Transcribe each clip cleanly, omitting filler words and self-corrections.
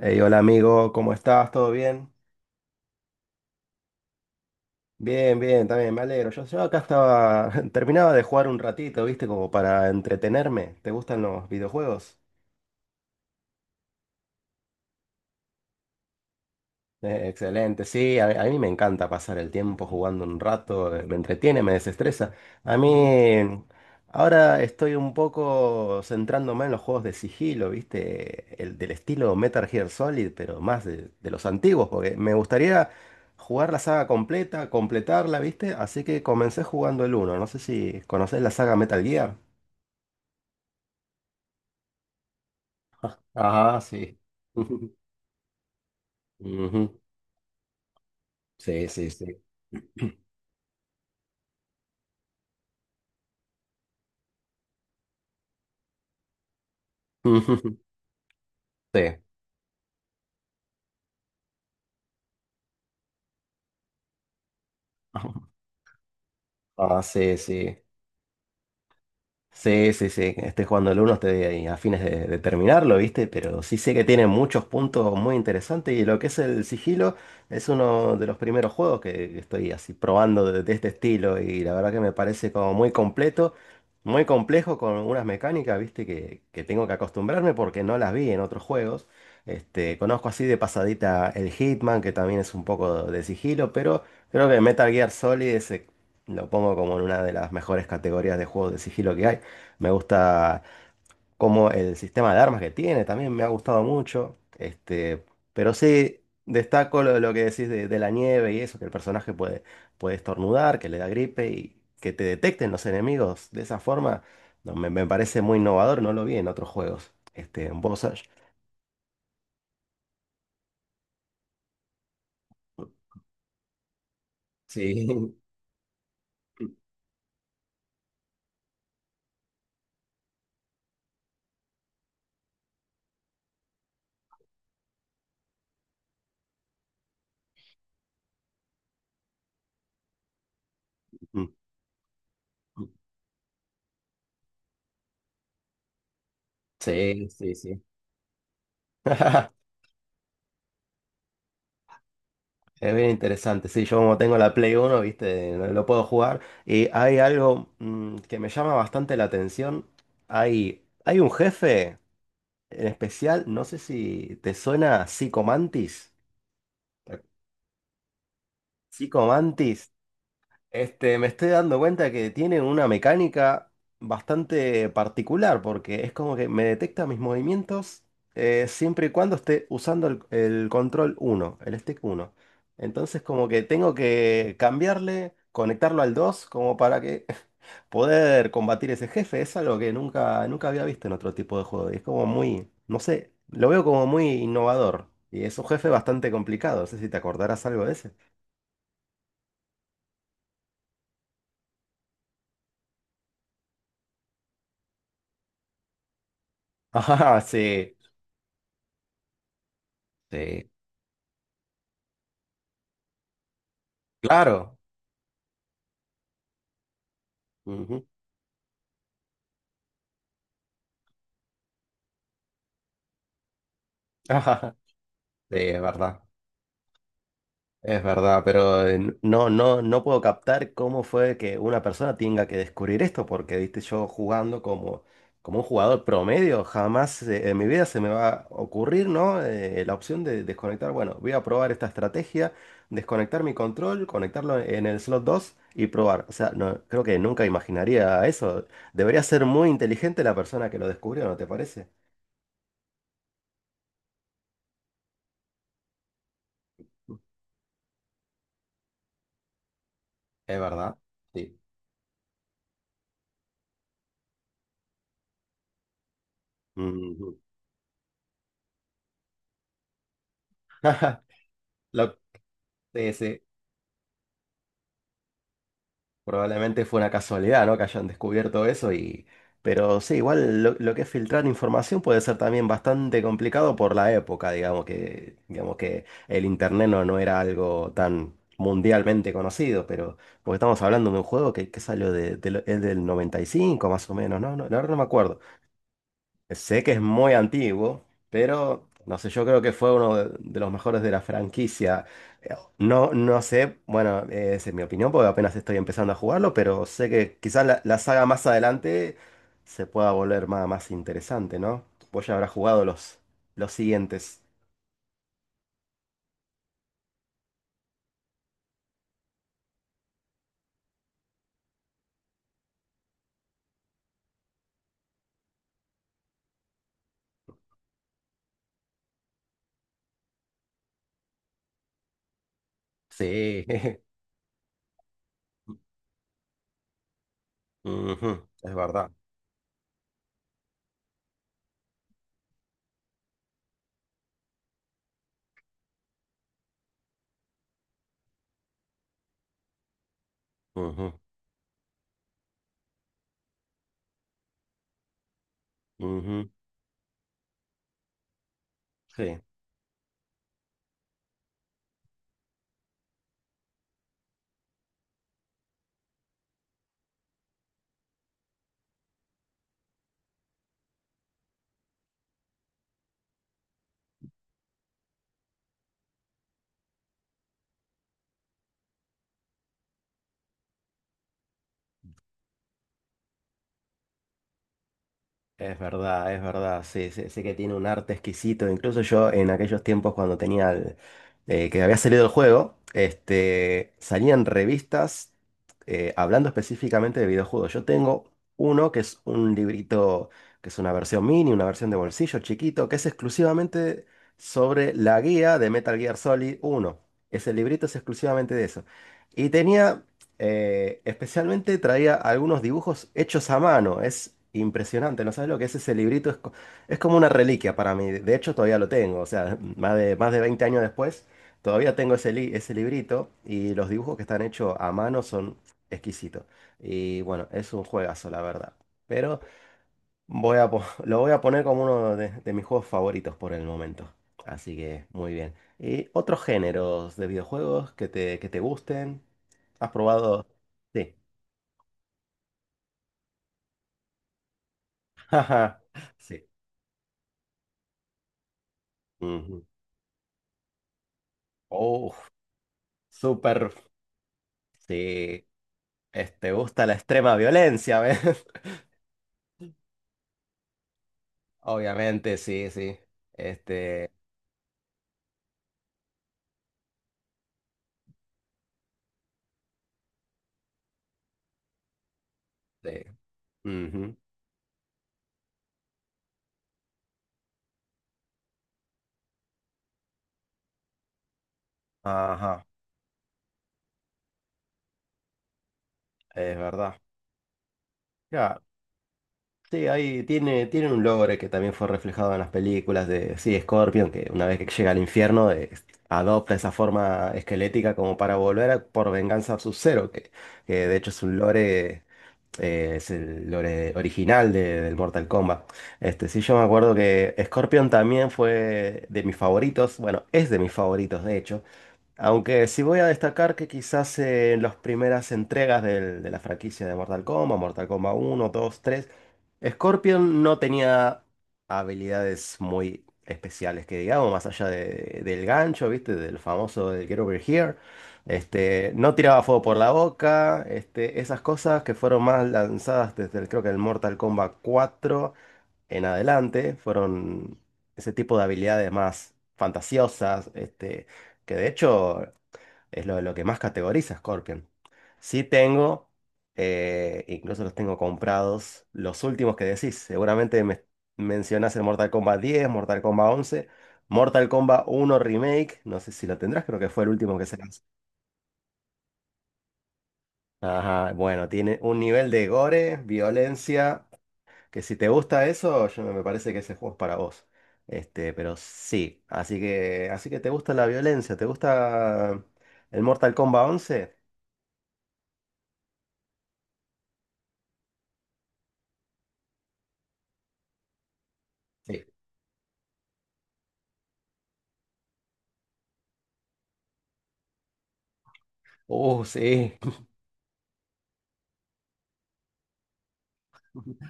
Hey, hola amigo, ¿cómo estás? ¿Todo bien? Bien, bien, también me alegro. Yo acá estaba, terminaba de jugar un ratito, ¿viste? Como para entretenerme. ¿Te gustan los videojuegos? Excelente, sí, a mí me encanta pasar el tiempo jugando un rato, me entretiene, me desestresa. A mí ahora estoy un poco centrándome en los juegos de sigilo, ¿viste? El del estilo Metal Gear Solid, pero más de los antiguos, porque me gustaría jugar la saga completa, completarla, ¿viste? Así que comencé jugando el uno. No sé si conocés la saga Metal Gear. Ajá, sí. Ujú. Sí, sí, sí. Sí. Ah, sí, sí. Sí, sí, sí, estoy jugando el uno. Estoy ahí a fines de terminarlo, ¿viste? Pero sí sé que tiene muchos puntos muy interesantes, y lo que es el sigilo es uno de los primeros juegos que estoy así probando de este estilo, y la verdad que me parece como muy completo, muy complejo, con unas mecánicas, ¿viste? Que tengo que acostumbrarme porque no las vi en otros juegos. Conozco así de pasadita el Hitman, que también es un poco de sigilo, pero creo que Metal Gear Solid ese lo pongo como en una de las mejores categorías de juegos de sigilo que hay. Me gusta como el sistema de armas que tiene, también me ha gustado mucho. Pero sí, destaco lo que decís de la nieve y eso, que el personaje puede, estornudar, que le da gripe y que te detecten los enemigos de esa forma, no, me parece muy innovador, no lo vi en otros juegos. En Bossage. Sí, sí, sí, sí. Es bien interesante, sí, yo como tengo la Play uno, viste, lo puedo jugar. Y hay algo que me llama bastante la atención. Hay un jefe en especial, no sé si te suena Psycho Mantis. Psycho Mantis. Me estoy dando cuenta que tiene una mecánica bastante particular, porque es como que me detecta mis movimientos, siempre y cuando esté usando el, control uno, el stick uno. Entonces como que tengo que cambiarle, conectarlo al 2, como para que poder combatir ese jefe. Es algo que nunca, nunca había visto en otro tipo de juego. Y es como muy, no sé, lo veo como muy innovador. Y es un jefe bastante complicado. No sé si te acordarás algo de ese. Ajá, sí. Sí. Claro. Ujú. Ajá. Sí, es verdad. Es verdad, pero no, no, no puedo captar cómo fue que una persona tenga que descubrir esto, porque viste, yo jugando como un jugador promedio, jamás en mi vida se me va a ocurrir, ¿no? La opción de desconectar. Bueno, voy a probar esta estrategia, desconectar mi control, conectarlo en el slot 2 y probar. O sea, no, creo que nunca imaginaría eso. Debería ser muy inteligente la persona que lo descubrió, ¿no te parece? Es verdad. Sí. Lo, sí, sí, probablemente fue una casualidad, ¿no? Que hayan descubierto eso y... Pero sí, igual lo que es filtrar información puede ser también bastante complicado por la época, digamos que el internet no, no era algo tan mundialmente conocido, pero porque estamos hablando de un juego que salió es del 95 más o menos, ¿no? No, la verdad no me acuerdo. Sé que es muy antiguo, pero no sé, yo creo que fue uno de los mejores de la franquicia. No, no sé, bueno, esa es mi opinión porque apenas estoy empezando a jugarlo, pero sé que quizás la saga más adelante se pueda volver más interesante, ¿no? Vos ya habrás jugado los siguientes. Sí. Ujú, es verdad. Ujú, ujú, sí. Es verdad, sí, sí, sí que tiene un arte exquisito. Incluso yo en aquellos tiempos cuando tenía que había salido el juego, salían revistas, hablando específicamente de videojuegos. Yo tengo uno que es un librito, que es una versión mini, una versión de bolsillo chiquito, que es exclusivamente sobre la guía de Metal Gear Solid 1. Ese librito es exclusivamente de eso. Y tenía, especialmente, traía algunos dibujos hechos a mano. Es impresionante. ¿No sabes lo que es ese librito? Es como una reliquia para mí. De hecho, todavía lo tengo. O sea, más de 20 años después, todavía tengo ese librito, y los dibujos que están hechos a mano son exquisitos. Y bueno, es un juegazo, la verdad. Pero lo voy a poner como uno de mis juegos favoritos por el momento. Así que muy bien. ¿Y otros géneros de videojuegos que te, gusten? ¿Has probado? Sí. Ajá. Sí. Ujú. Oh, súper. Sí. ¿Te gusta la extrema violencia, ves? Obviamente, sí, sí. Este. Sí. Ujú. Ajá. Es verdad. Ya. Sí, ahí tiene un logro que también fue reflejado en las películas de, sí, Scorpion, que una vez que llega al infierno, adopta esa forma esquelética como para volver por venganza a Sub-Zero, que de hecho es un lore, es el lore original del Mortal Kombat. Sí, yo me acuerdo que Scorpion también fue de mis favoritos, bueno, es de mis favoritos de hecho, aunque sí voy a destacar que quizás, en las primeras entregas de la franquicia de Mortal Kombat, Mortal Kombat uno, dos, tres, Scorpion no tenía habilidades muy especiales, que digamos, más allá del gancho, ¿viste? Del famoso del Get Over Here. No tiraba fuego por la boca, esas cosas que fueron más lanzadas desde creo que el Mortal Kombat cuatro en adelante, fueron ese tipo de habilidades más fantasiosas, que de hecho es lo que más categoriza Scorpion. Sí tengo, incluso los tengo comprados, los últimos que decís. Seguramente me mencionás el Mortal Kombat 10, Mortal Kombat 11, Mortal Kombat uno Remake. No sé si lo tendrás, creo que fue el último que se lanzó. Ajá, bueno, tiene un nivel de gore, violencia, que si te gusta eso, yo me parece que ese juego es para vos. Pero sí, así que, te gusta la violencia, ¿te gusta el Mortal Kombat 11? Sí. Oh sí,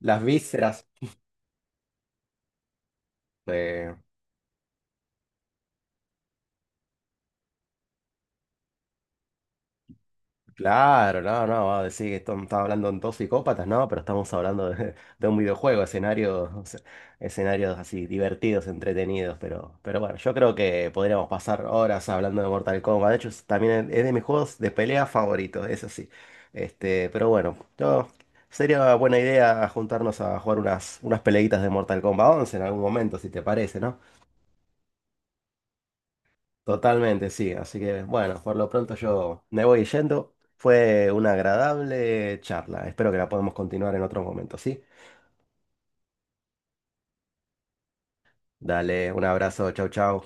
las vísceras. Eh, claro, no, no, va a decir que estamos hablando de dos psicópatas, no, pero estamos hablando de un videojuego, escenarios, o sea, escenarios así divertidos, entretenidos, pero bueno, yo creo que podríamos pasar horas hablando de Mortal Kombat. De hecho, también es de mis juegos de pelea favoritos, eso sí. Pero bueno, sería buena idea juntarnos a jugar unas peleitas de Mortal Kombat 11 en algún momento, si te parece, ¿no? Totalmente, sí. Así que bueno, por lo pronto yo me voy yendo. Fue una agradable charla. Espero que la podamos continuar en otros momentos, ¿sí? Dale, un abrazo, chau, chau.